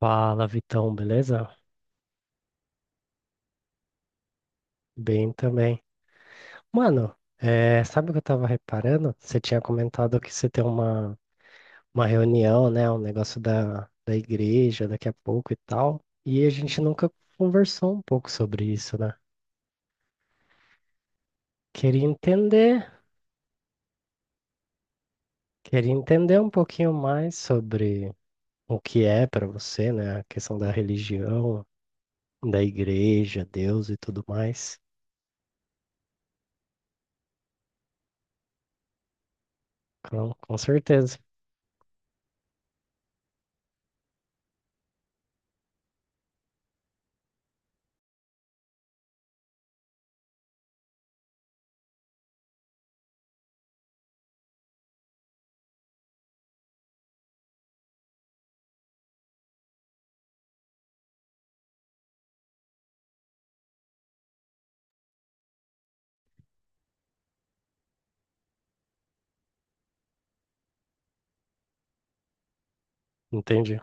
Fala, Vitão, beleza? Bem também. Mano, sabe o que eu tava reparando? Você tinha comentado que você tem uma reunião, né? Um negócio da igreja daqui a pouco e tal. E a gente nunca conversou um pouco sobre isso, né? Queria entender, queria entender um pouquinho mais sobre o que é pra você, né? A questão da religião, da igreja, Deus e tudo mais. Com certeza. Entendi.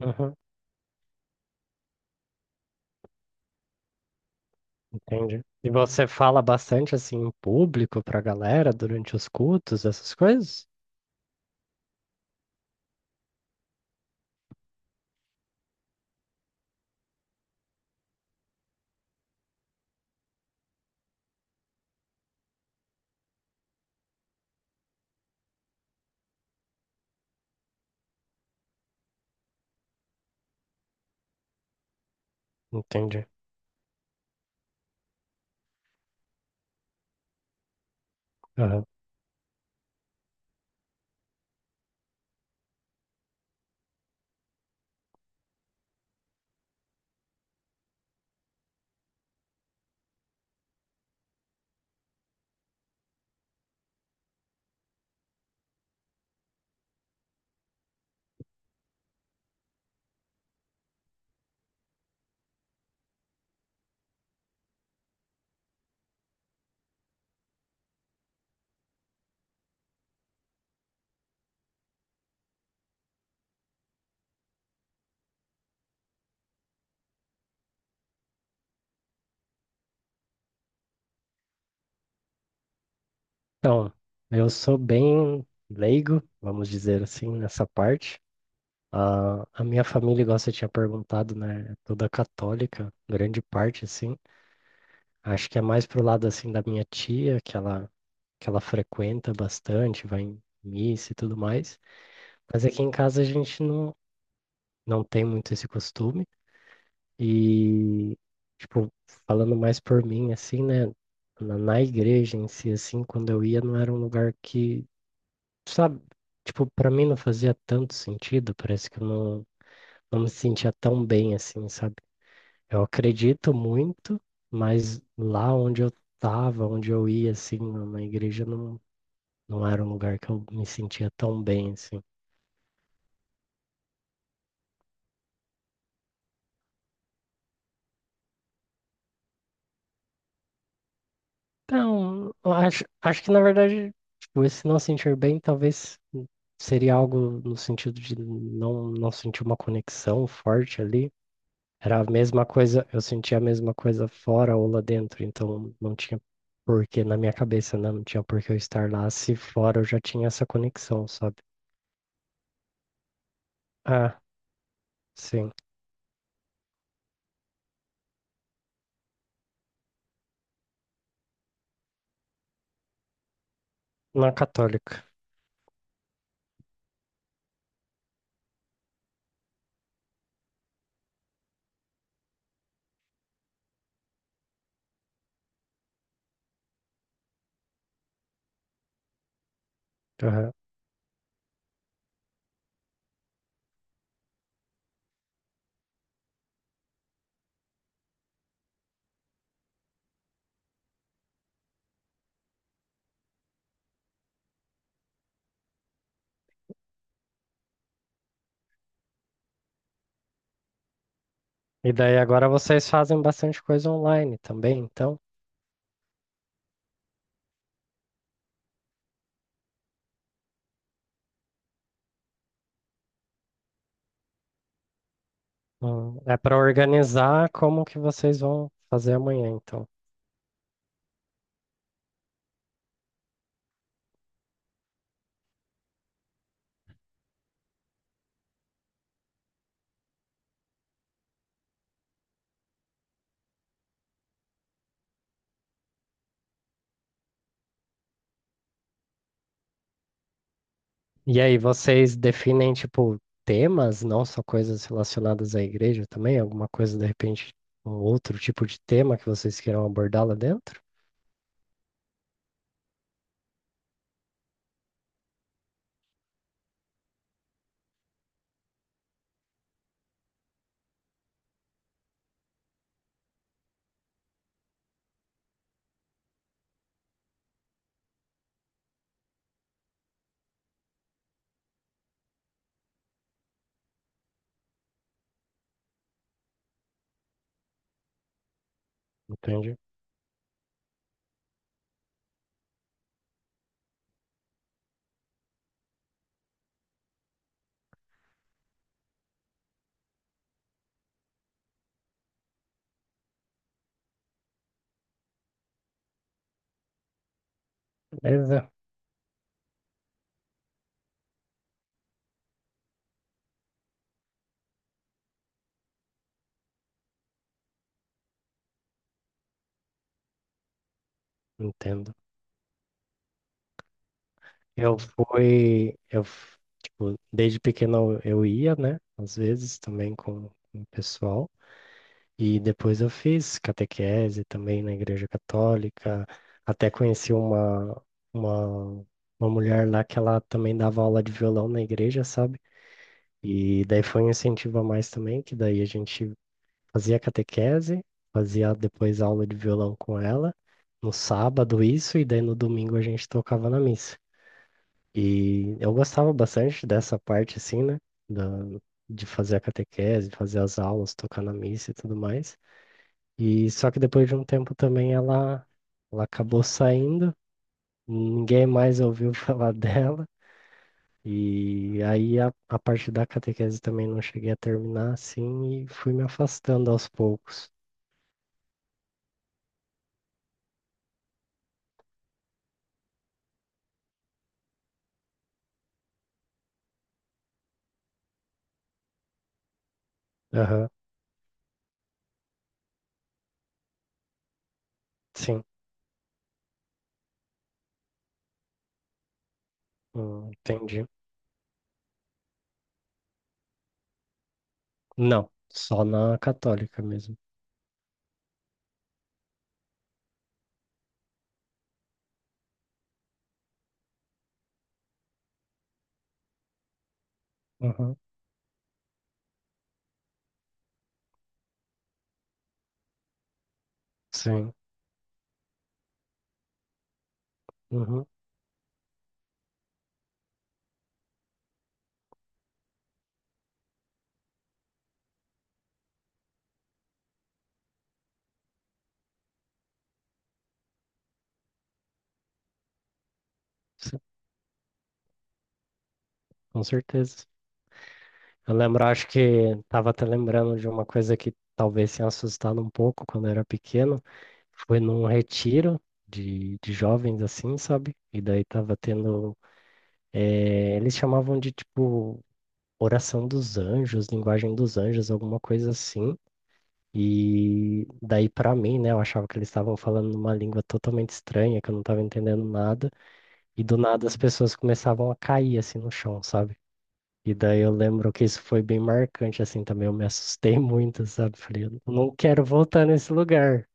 Aham. Entendi. E você fala bastante assim em público pra galera durante os cultos, essas coisas? Entendi. Aham. Então, eu sou bem leigo, vamos dizer assim, nessa parte. A minha família, igual você tinha perguntado, né, é toda católica, grande parte assim. Acho que é mais pro lado assim da minha tia, que ela frequenta bastante, vai em missa e tudo mais. Mas aqui em casa a gente não tem muito esse costume. E, tipo, falando mais por mim, assim, né? Na igreja em si, assim, quando eu ia, não era um lugar que, sabe? Tipo, pra mim não fazia tanto sentido, parece que eu não, não me sentia tão bem, assim, sabe? Eu acredito muito, mas lá onde eu tava, onde eu ia, assim, na igreja, não era um lugar que eu me sentia tão bem, assim. Então, acho que, na verdade, tipo, esse não sentir bem talvez seria algo no sentido de não sentir uma conexão forte ali. Era a mesma coisa, eu sentia a mesma coisa fora ou lá dentro, então não tinha porquê na minha cabeça, né? Não tinha porquê eu estar lá se fora eu já tinha essa conexão, sabe? Ah, sim, na católica. Aham. E daí agora vocês fazem bastante coisa online também, então é para organizar como que vocês vão fazer amanhã, então. E aí, vocês definem, tipo, temas, não só coisas relacionadas à igreja também? Alguma coisa, de repente, um outro tipo de tema que vocês queiram abordar lá dentro? Entendi. Beleza. Entendo. Eu fui, eu, f- tipo, desde pequeno eu ia, né? Às vezes também com o pessoal. E depois eu fiz catequese também na igreja católica. Até conheci uma, uma mulher lá que ela também dava aula de violão na igreja, sabe? E daí foi um incentivo a mais também, que daí a gente fazia catequese, fazia depois aula de violão com ela, no sábado isso, e daí no domingo a gente tocava na missa. E eu gostava bastante dessa parte, assim, né? Da, de fazer a catequese, fazer as aulas, tocar na missa e tudo mais. E só que depois de um tempo também ela acabou saindo, ninguém mais ouviu falar dela. E aí a parte da catequese também não cheguei a terminar assim e fui me afastando aos poucos. Aham, sim, entendi. Não, só na católica mesmo. Aham, sim, uhum, sim, com certeza. Eu lembro, acho que estava até lembrando de uma coisa que talvez tenha assustado um pouco quando eu era pequeno. Foi num retiro de jovens assim, sabe? E daí tava tendo. Eles chamavam de tipo Oração dos Anjos, Linguagem dos Anjos, alguma coisa assim. E daí, pra mim, né, eu achava que eles estavam falando numa língua totalmente estranha, que eu não tava entendendo nada. E do nada as pessoas começavam a cair assim no chão, sabe? E daí eu lembro que isso foi bem marcante, assim, também. Eu me assustei muito, sabe? Falei, eu não quero voltar nesse lugar.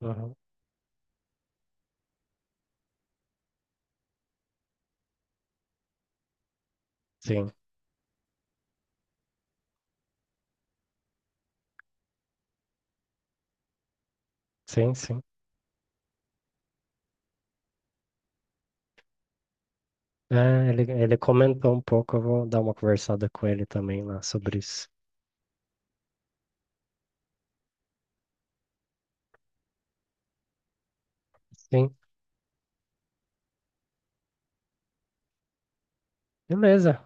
Uhum. Sim, sim, sim. É, ele comentou um pouco, eu vou dar uma conversada com ele também lá sobre isso. Sim, beleza,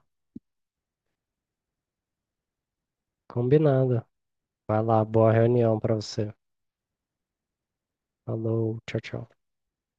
combinado. Vai lá, boa reunião pra você. Falou, tchau, tchau.